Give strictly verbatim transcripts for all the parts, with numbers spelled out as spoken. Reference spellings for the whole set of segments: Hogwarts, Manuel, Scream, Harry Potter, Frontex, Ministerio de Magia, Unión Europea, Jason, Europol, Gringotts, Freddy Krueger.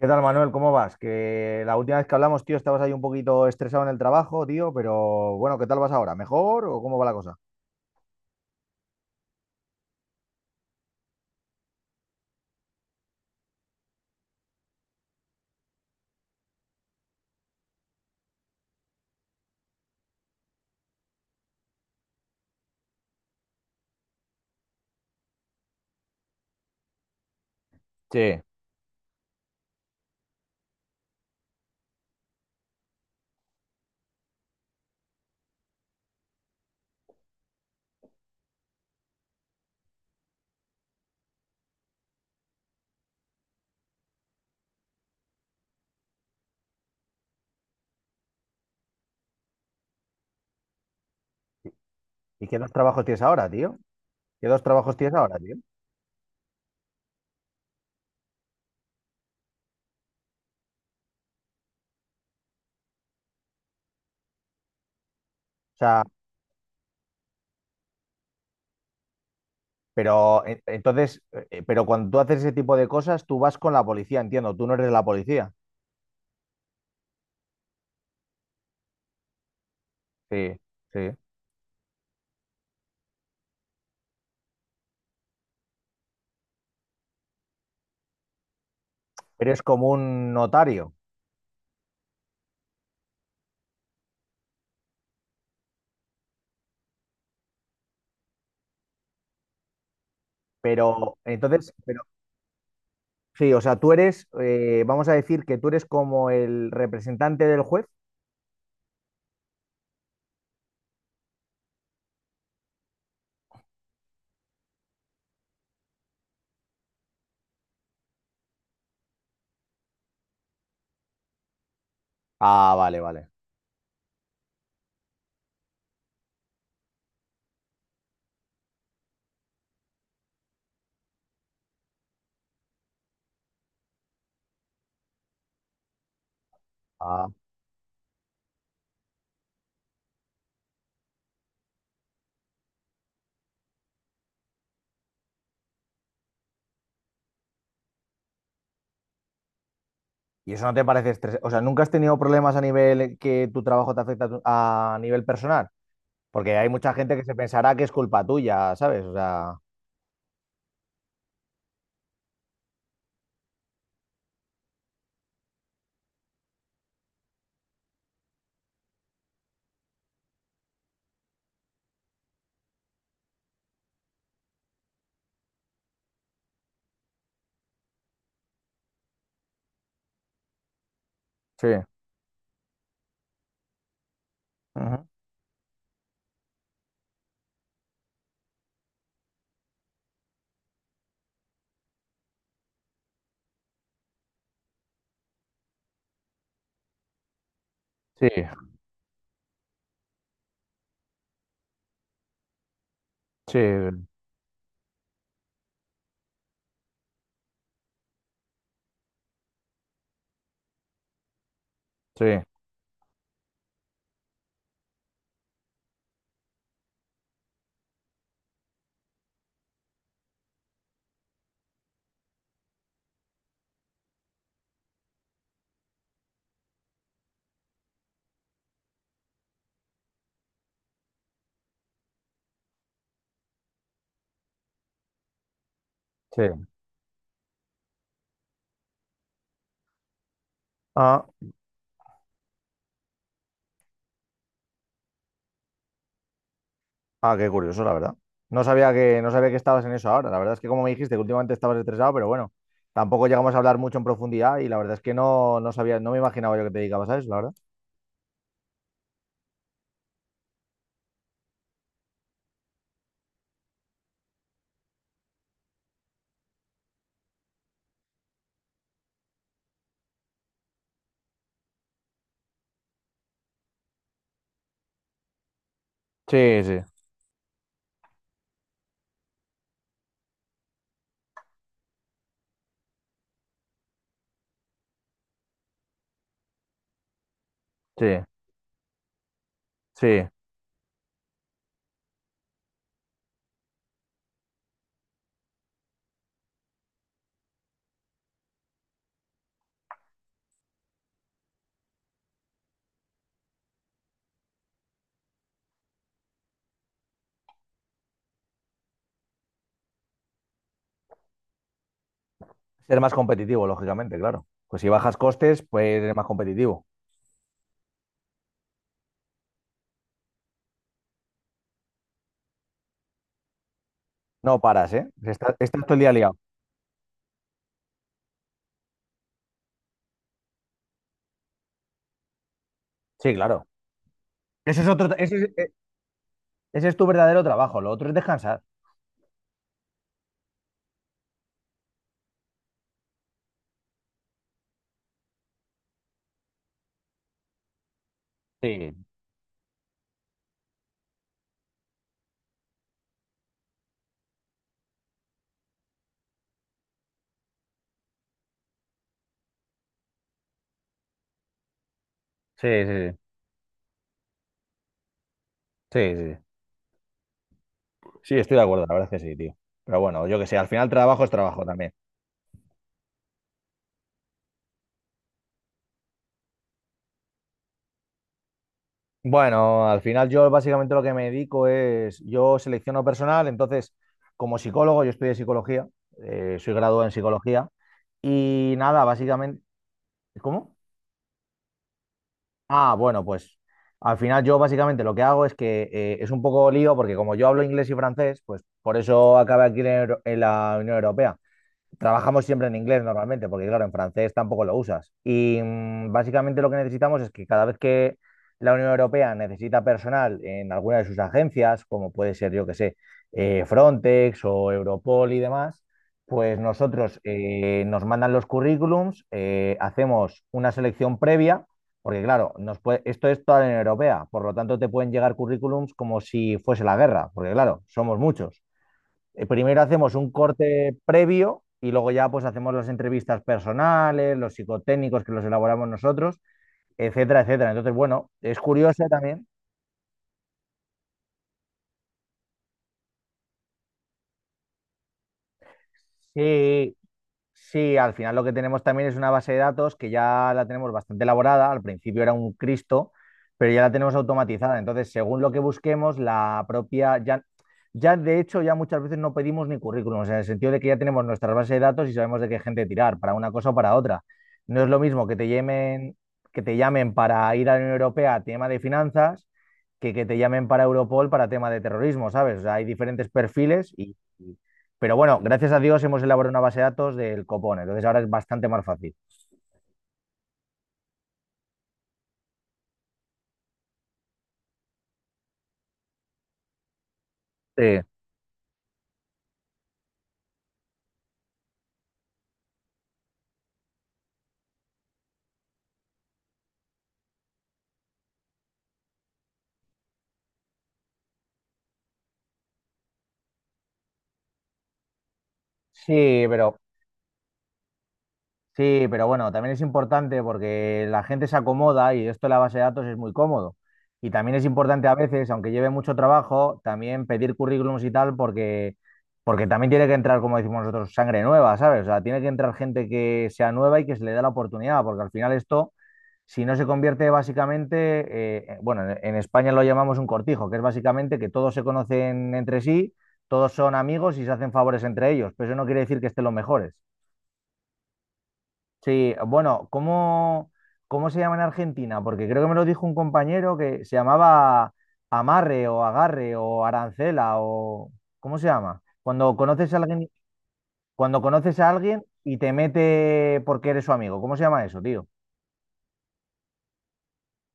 ¿Qué tal, Manuel? ¿Cómo vas? Que la última vez que hablamos, tío, estabas ahí un poquito estresado en el trabajo, tío, pero bueno, ¿qué tal vas ahora? ¿Mejor o cómo va la cosa? Sí. ¿Y qué dos trabajos tienes ahora, tío? ¿Qué dos trabajos tienes ahora, tío? O sea, pero eh, entonces, eh, eh, pero cuando tú haces ese tipo de cosas, tú vas con la policía, entiendo, tú no eres la policía, sí, sí. Eres como un notario, pero entonces, pero sí, o sea, tú eres, eh, vamos a decir que tú eres como el representante del juez. Ah, vale, vale. ¿Y eso no te parece estresante? O sea, ¿nunca has tenido problemas a nivel que tu trabajo te afecta a, tu- a nivel personal? Porque hay mucha gente que se pensará que es culpa tuya, ¿sabes? O sea, sí. Ujú. Sí, sí, sí, sí. Ah, ah, qué curioso, la verdad. No sabía que, no sabía que estabas en eso ahora. La verdad es que como me dijiste que últimamente estabas estresado, pero bueno, tampoco llegamos a hablar mucho en profundidad y la verdad es que no, no sabía, no me imaginaba yo que te dedicabas a eso, la verdad. Sí, sí, sí, sí. Ser más competitivo, lógicamente, claro. Pues si bajas costes, pues eres más competitivo. No paras, ¿eh? Estás, estás todo el día liado. Sí, claro. Ese es otro, ese es, e- ese es tu verdadero trabajo, lo otro es descansar. Sí, sí, sí, sí, sí, sí. Sí, estoy de acuerdo, la verdad es que sí, tío. Pero bueno, yo qué sé, al final trabajo es trabajo también. Bueno, al final yo básicamente lo que me dedico es, yo selecciono personal, entonces como psicólogo, yo estudié psicología, eh, soy graduado en psicología y nada, básicamente, ¿cómo? Ah, bueno, pues al final yo básicamente lo que hago es que eh, es un poco lío porque como yo hablo inglés y francés, pues por eso acabé aquí en, Euro- en la Unión Europea. Trabajamos siempre en inglés normalmente, porque claro, en francés tampoco lo usas. Y mm, básicamente lo que necesitamos es que cada vez que la Unión Europea necesita personal en alguna de sus agencias, como puede ser, yo que sé, eh, Frontex o Europol y demás, pues nosotros eh, nos mandan los currículums, eh, hacemos una selección previa, porque claro, nos puede- esto es toda la Unión Europea, por lo tanto te pueden llegar currículums como si fuese la guerra, porque claro, somos muchos. Eh, primero hacemos un corte previo y luego ya pues hacemos las entrevistas personales, los psicotécnicos que los elaboramos nosotros, etcétera, etcétera. Entonces, bueno, es curioso también. Sí. Sí, al final lo que tenemos también es una base de datos que ya la tenemos bastante elaborada. Al principio era un Cristo, pero ya la tenemos automatizada. Entonces, según lo que busquemos, la propia, ya, ya de hecho, ya muchas veces no pedimos ni currículums, en el sentido de que ya tenemos nuestras bases de datos y sabemos de qué gente tirar, para una cosa o para otra. No es lo mismo que te llamen, que te llamen para ir a la Unión Europea a tema de finanzas que que te llamen para Europol para tema de terrorismo, ¿sabes? O sea, hay diferentes perfiles y pero bueno, gracias a Dios hemos elaborado una base de datos del copón, entonces ahora es bastante más fácil. Sí. Sí, pero sí, pero bueno, también es importante porque la gente se acomoda y esto de la base de datos es muy cómodo. Y también es importante a veces, aunque lleve mucho trabajo, también pedir currículums y tal porque, porque también tiene que entrar, como decimos nosotros, sangre nueva, ¿sabes? O sea, tiene que entrar gente que sea nueva y que se le dé la oportunidad, porque al final esto, si no se convierte básicamente, eh, bueno, en en España lo llamamos un cortijo, que es básicamente que todos se conocen entre sí, todos son amigos y se hacen favores entre ellos, pero eso no quiere decir que estén los mejores. Sí, bueno, ¿cómo, cómo se llama en Argentina? Porque creo que me lo dijo un compañero que se llamaba amarre o agarre o arancela o ¿cómo se llama? Cuando conoces a alguien, cuando conoces a alguien y te mete porque eres su amigo, ¿cómo se llama eso, tío?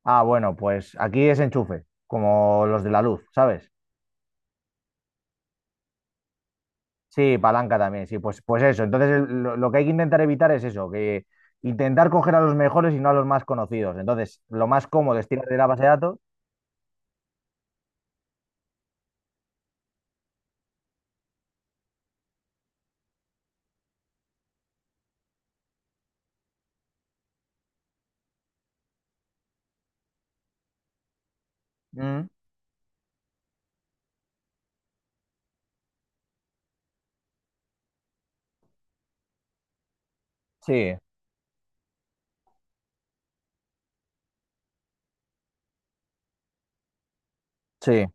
Ah, bueno, pues aquí es enchufe, como los de la luz, ¿sabes? Sí, palanca también, sí, pues, pues eso. Entonces el- lo, lo que hay que intentar evitar es eso, que intentar coger a los mejores y no a los más conocidos. Entonces, lo más cómodo es tirar de la base de datos. Sí, sí,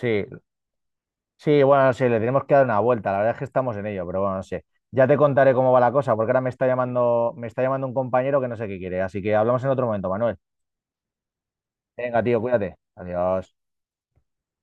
sí. Sí, bueno, sí, le tenemos que dar una vuelta. La verdad es que estamos en ello, pero bueno, no sé. Ya te contaré cómo va la cosa, porque ahora me está llamando, me está llamando un compañero que no sé qué quiere. Así que hablamos en otro momento, Manuel. Venga, tío, cuídate. Adiós.